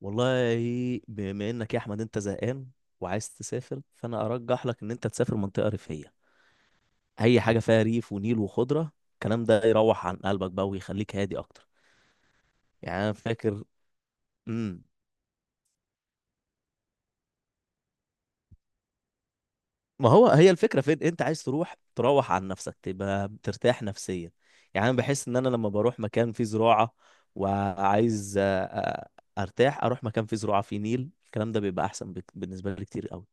والله، بما انك يا احمد انت زهقان وعايز تسافر، فانا ارجح لك ان انت تسافر منطقه ريفيه، اي حاجه فيها ريف ونيل وخضره، الكلام ده يروح عن قلبك بقى ويخليك هادي اكتر. يعني انا فاكر، امم ما هو هي الفكره، فين انت عايز تروح؟ تروح عن نفسك تبقى ترتاح نفسيا. يعني انا بحس ان انا لما بروح مكان فيه زراعه وعايز ارتاح، اروح مكان فيه زراعه فيه نيل، الكلام ده بيبقى احسن بالنسبه لي كتير قوي.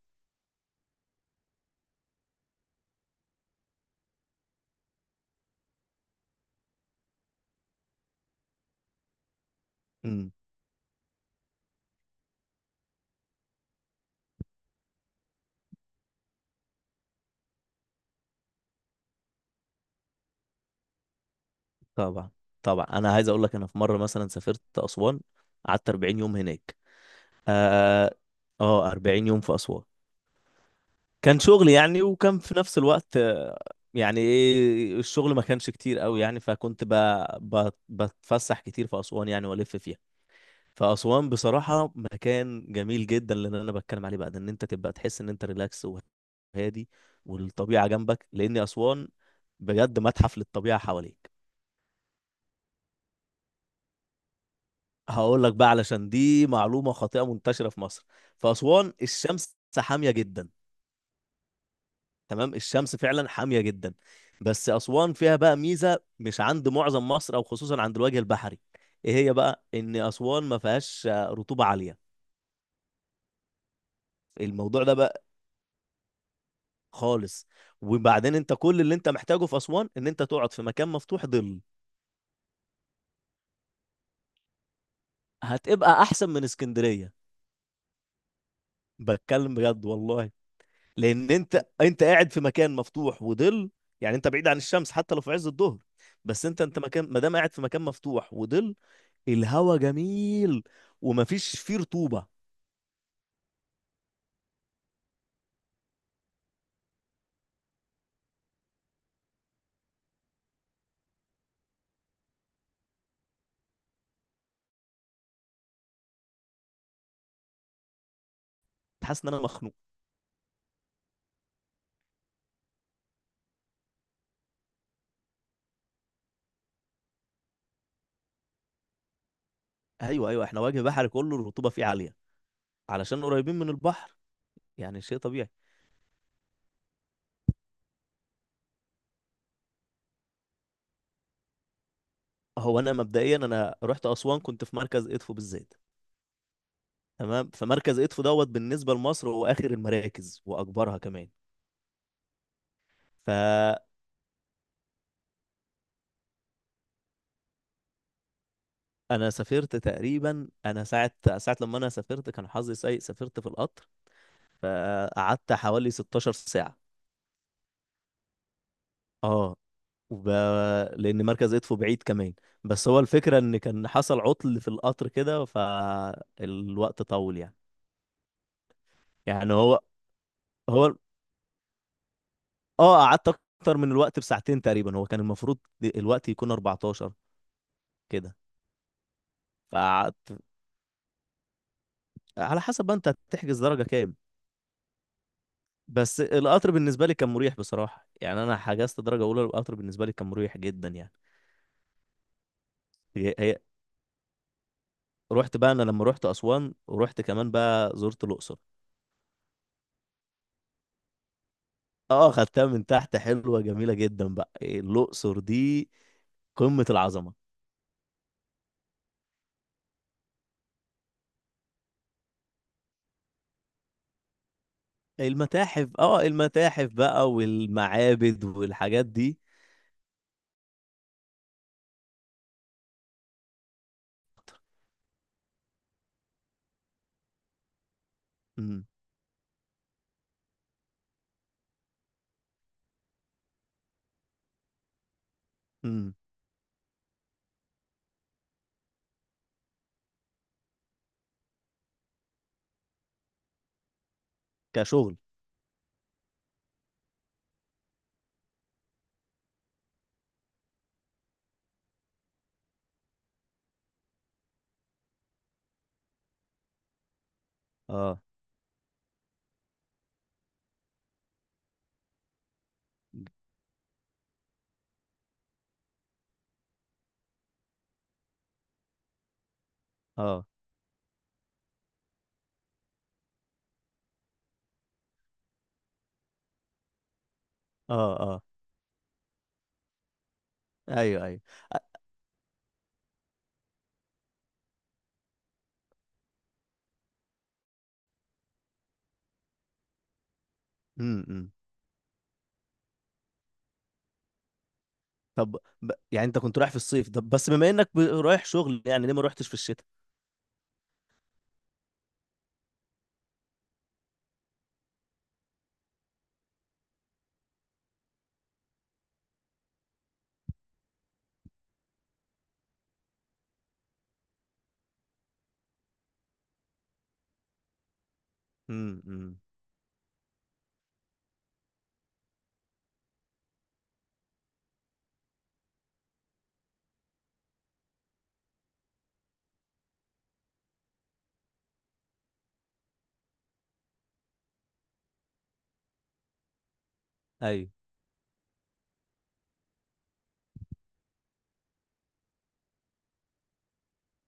طبعا، طبعا، انا عايز اقول لك، انا في مره مثلا سافرت اسوان، قعدت 40 يوم هناك. اه. 40 يوم في اسوان، كان شغل يعني، وكان في نفس الوقت يعني ايه، الشغل ما كانش كتير قوي يعني، فكنت بتفسح كتير في اسوان يعني والف فيها. فاسوان بصراحه مكان جميل جدا، اللي انا بتكلم عليه بقى ده ان انت تبقى تحس ان انت ريلاكس وهادي، والطبيعه جنبك، لان اسوان بجد متحف للطبيعه حواليك. هقول لك بقى، علشان دي معلومة خاطئة منتشرة في مصر، في أسوان الشمس حامية جدا. تمام، الشمس فعلا حامية جدا، بس أسوان فيها بقى ميزة مش عند معظم مصر أو خصوصا عند الوجه البحري. إيه هي بقى؟ إن أسوان ما فيهاش رطوبة عالية. الموضوع ده بقى خالص. وبعدين أنت كل اللي أنت محتاجه في أسوان إن أنت تقعد في مكان مفتوح ظل. هتبقى أحسن من اسكندرية، بتكلم بجد والله. لان انت قاعد في مكان مفتوح وظل، يعني انت بعيد عن الشمس حتى لو في عز الظهر، بس انت مكان، ما دام قاعد في مكان مفتوح وظل. الهوا جميل، ومفيش فيه رطوبه، حاسس ان انا مخنوق. ايوه، ايوه، احنا وجه بحري كله الرطوبه فيه عاليه علشان قريبين من البحر، يعني شيء طبيعي. هو انا مبدئيا انا رحت اسوان، كنت في مركز ادفو بالذات. تمام، فمركز ادفو دوت بالنسبه لمصر هو اخر المراكز واكبرها كمان. ف انا سافرت تقريبا، انا ساعه، لما انا سافرت كان حظي سيء، سافرت في القطر، فقعدت حوالي 16 ساعه. اه. وب... لان مركز ادفو بعيد كمان، بس هو الفكره ان كان حصل عطل في القطر كده، فالوقت طول يعني. يعني، هو، اه، قعدت اكتر من الوقت بساعتين تقريبا، هو كان المفروض الوقت يكون 14 كده. فقعدت، على حسب بقى انت هتحجز درجه كام. بس القطر بالنسبه لي كان مريح بصراحه يعني، انا حجزت درجه اولى، القطر بالنسبه لي كان مريح جدا يعني. هي رحت بقى، انا لما رحت اسوان ورحت كمان بقى زرت الاقصر. اه، خدتها من تحت، حلوه جميله جدا بقى الاقصر دي، قمه العظمه. المتاحف بقى والمعابد والحاجات دي. امم، امم، كشغل، اه، اه، اه، اه، ايوه، ايوه، امم. طب، يعني انت كنت رايح في الصيف، طب بس بما انك رايح شغل يعني، ليه ما روحتش في الشتاء؟ امم، امم، ايوه،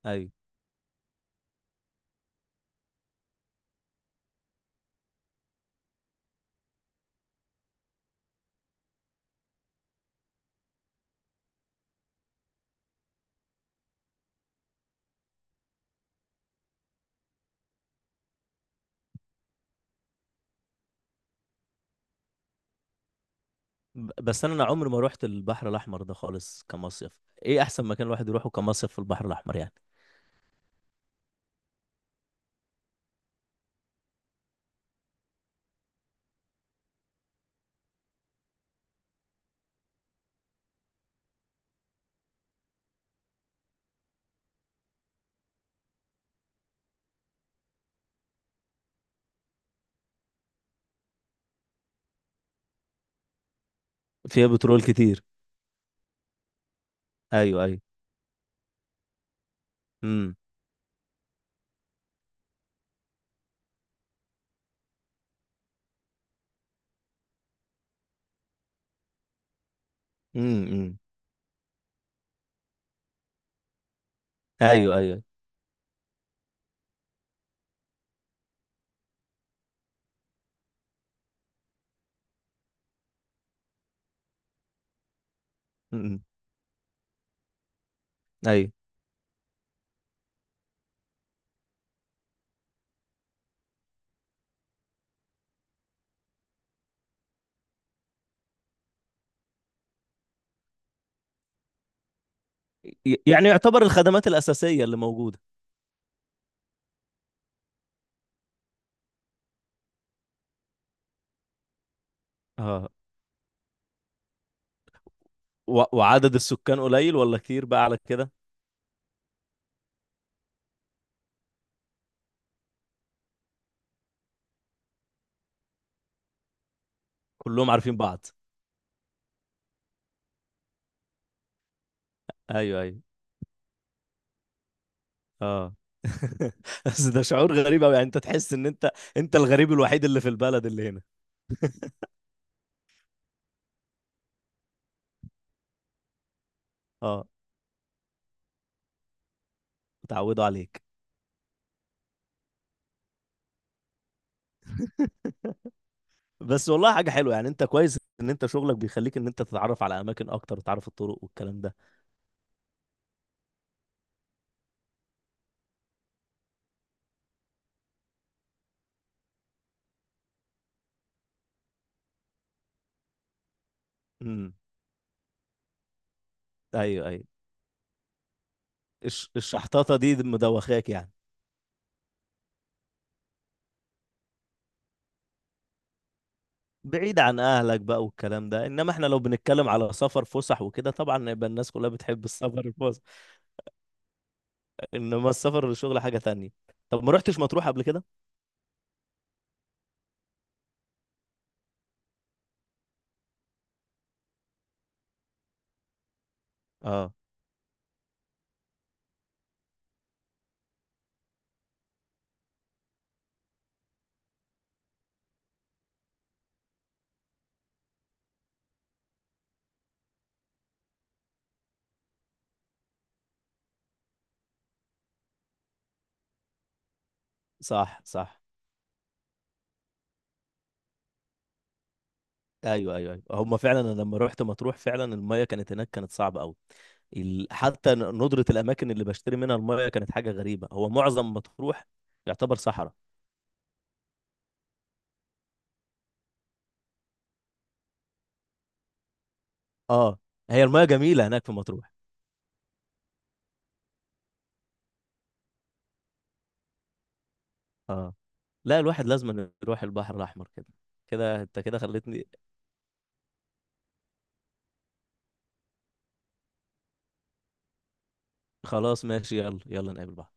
ايوه، بس انا عمري ما روحت البحر الاحمر ده خالص كمصيف. ايه احسن مكان الواحد يروحه كمصيف في البحر الاحمر يعني؟ فيها بترول كتير. ايوه، ايوه، امم، امم، أمم. ايوه، ايوه، امم، ايوه. يعني يعتبر الخدمات الاساسيه اللي موجوده، اه، وعدد السكان قليل ولا كتير بقى على كده؟ كلهم عارفين بعض. ايوه، ايوه، اه. بس ده شعور غريب قوي يعني، انت تحس ان انت الغريب الوحيد اللي في البلد اللي هنا. اه، اتعودوا عليك. بس والله حاجة حلوة يعني، انت كويس ان انت شغلك بيخليك ان انت تتعرف على اماكن اكتر، وتعرف الطرق والكلام ده. امم، ايوه، ايوه، الشحطاطة دي مدوخاك يعني؟ بعيد عن اهلك بقى والكلام ده. انما احنا لو بنتكلم على سفر فسح وكده، طبعا يبقى الناس كلها بتحب السفر الفسح، انما السفر للشغل حاجة تانية. طب، ما رحتش مطروح قبل كده؟ اه. صح، صح، ايوه، ايوه، ايوه، هم فعلا، انا لما رحت مطروح فعلا المايه كانت هناك كانت صعبه قوي. حتى ندره الاماكن اللي بشتري منها المايه كانت حاجه غريبه، هو معظم مطروح يعتبر صحراء. اه، هي المايه جميله هناك في مطروح. اه لا، الواحد لازم أن يروح البحر الاحمر كده، كده انت كده خلتني. خلاص ماشي، يلا يلا نقابل بعض.